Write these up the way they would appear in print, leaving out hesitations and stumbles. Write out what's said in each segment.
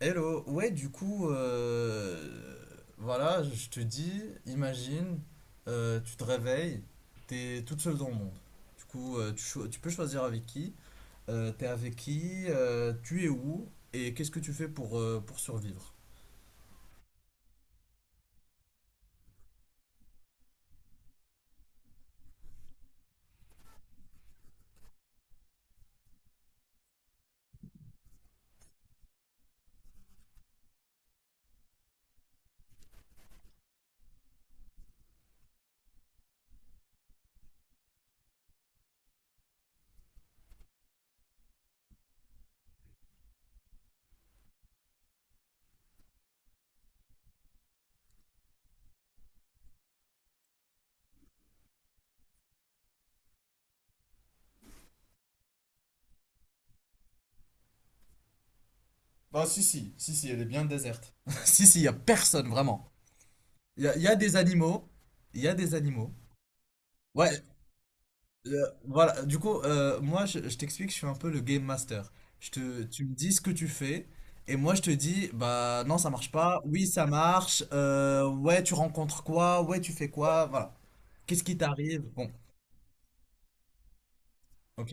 Hello, ouais, du coup, voilà, je te dis, imagine, tu te réveilles, t'es toute seule dans le monde. Du coup, tu peux choisir avec qui, t'es avec qui, tu es où, et qu'est-ce que tu fais pour survivre? Bah si si, si si, elle est bien déserte. Si, si, y a personne, vraiment. Y a des animaux, y a des animaux. Ouais, Euh, voilà, du coup, moi, je t'explique, je suis un peu le game master. Tu me dis ce que tu fais, et moi, je te dis, bah non, ça marche pas, oui, ça marche, ouais, tu rencontres quoi, ouais, tu fais quoi, voilà. Qu'est-ce qui t'arrive? Bon, ok.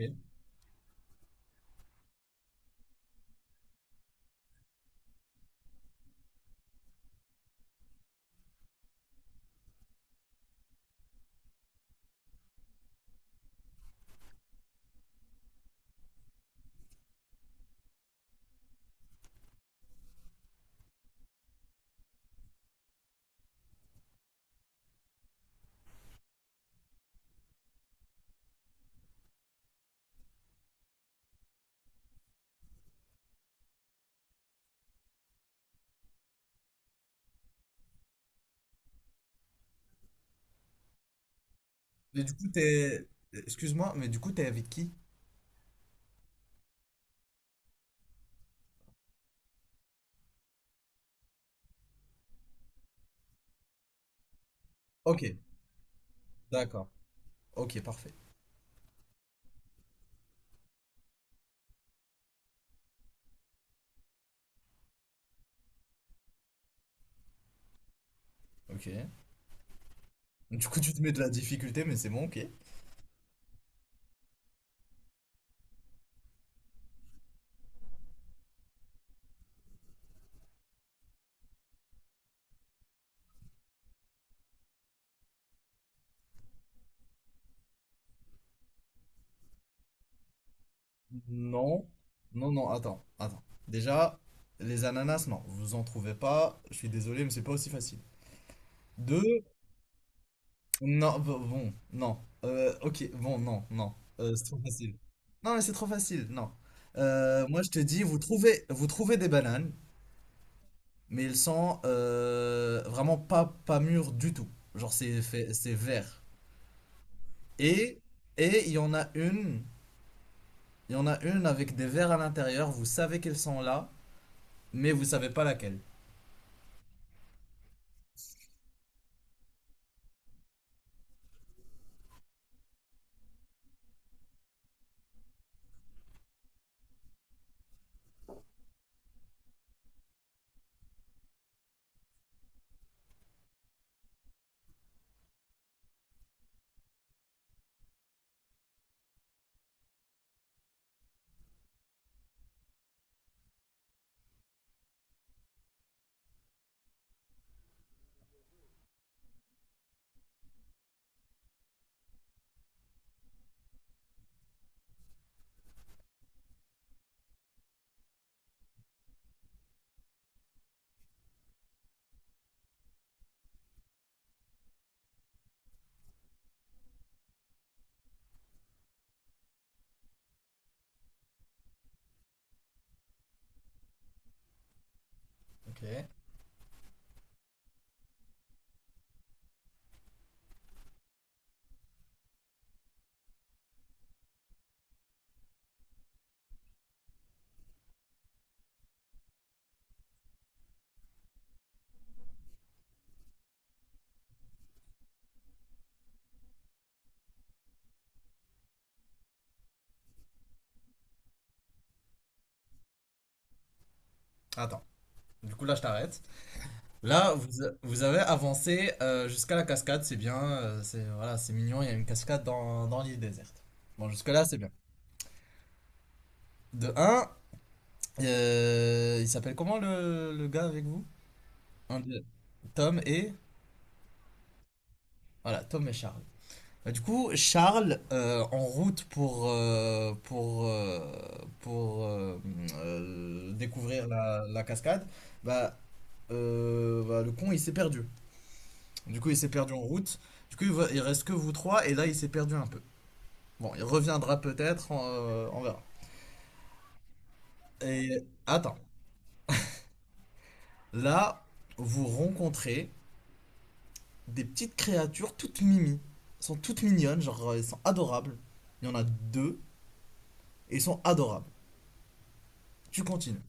Et du coup, excuse-moi, mais du coup, t'es avec qui? Ok, d'accord. Ok, parfait. Ok. Du coup, tu te mets de la difficulté, mais c'est bon, ok. Non, non, non, attends, attends. Déjà, les ananas, non, vous en trouvez pas, je suis désolé, mais c'est pas aussi facile. Deux. Non, bon, bon, non. Ok, bon, non, non. C'est trop facile. Non, mais c'est trop facile, non. Moi, je te dis, vous trouvez des bananes, mais elles sont vraiment pas mûres du tout. Genre, c'est vert. Et, et il y en a une, il y en a une avec des vers à l'intérieur, vous savez qu'elles sont là, mais vous savez pas laquelle. Ok. Attends, du coup, là, je t'arrête. Là, vous avez avancé jusqu'à la cascade, c'est bien, c'est voilà, c'est mignon, il y a une cascade dans l'île déserte. Bon, jusque-là, c'est bien. De 1, il s'appelle comment le gars avec vous? Un de- Tom et... Voilà, Tom et Charles. Bah, du coup, Charles, en route pour, pour euh, découvrir la cascade, bah, bah, le con, il s'est perdu. Du coup, il s'est perdu en route. Du coup, il reste que vous trois, et là, il s'est perdu un peu. Bon, il reviendra peut-être, on verra. Et attends, là, vous rencontrez des petites créatures toutes mimi. Elles sont toutes mignonnes, genre, elles sont adorables. Il y en a deux, et elles sont adorables. Tu continues.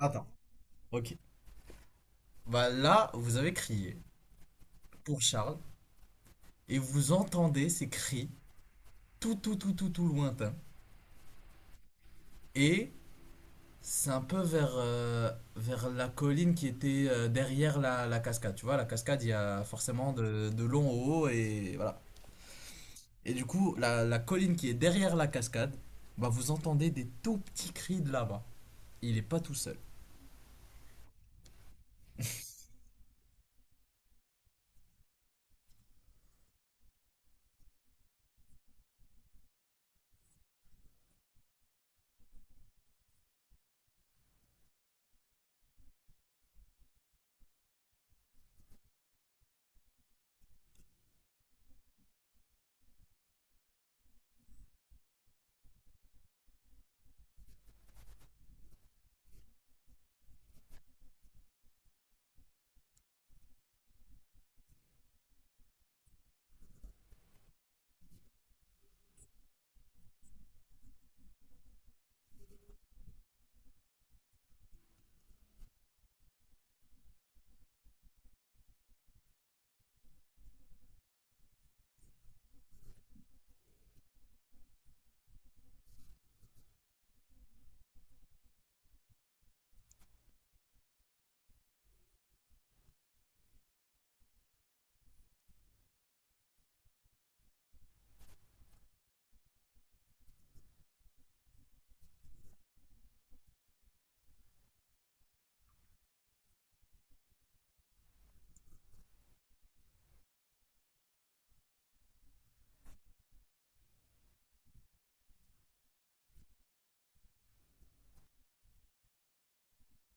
Attends, ok. Bah là, vous avez crié pour Charles, et vous entendez ces cris tout, tout, tout, tout, tout lointains. Et c'est un peu vers la colline qui était derrière la cascade. Tu vois, la cascade, il y a forcément de long au haut et voilà. Et du coup, la colline qui est derrière la cascade, bah vous entendez des tout petits cris de là-bas. Il est pas tout seul.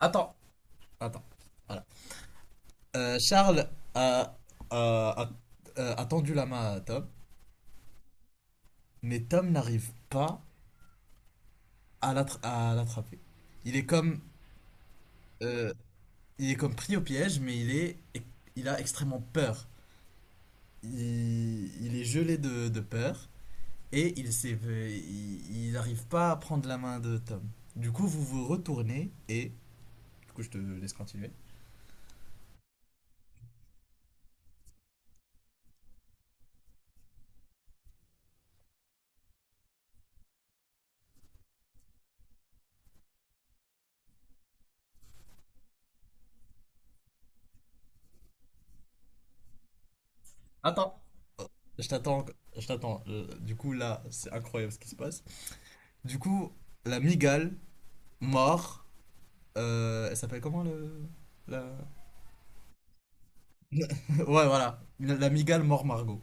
Attends, attends. Voilà. Charles a, a- a- a tendu la main à Tom, mais Tom n'arrive pas à l'attra- à l'attraper. Il est comme, euh, il est comme pris au piège, mais il a extrêmement peur. Il est gelé de peur et il n'arrive pas à prendre la main de Tom. Du coup, vous vous retournez et... Du coup, je te laisse continuer. Attends. Je t'attends. Je t'attends. Du coup, là, c'est incroyable ce qui se passe. Du coup, la migale, mort... elle s'appelle comment le... La... ouais, voilà. La migale mort Margot.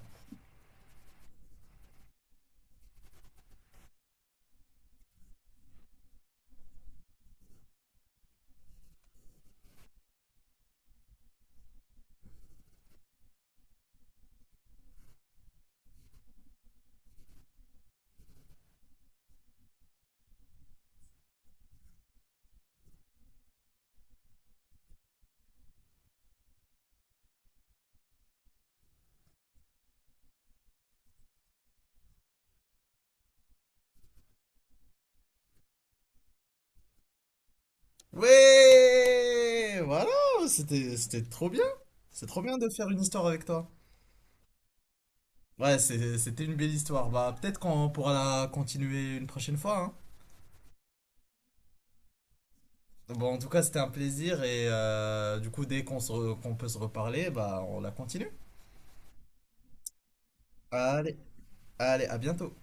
Ouais voilà, c'était trop bien. C'est trop bien de faire une histoire avec toi. Ouais, c'était une belle histoire. Bah, peut-être qu'on pourra la continuer une prochaine fois, hein. Bon, en tout cas, c'était un plaisir et du coup, dès qu'on peut se reparler, bah, on la continue. Allez, allez, à bientôt.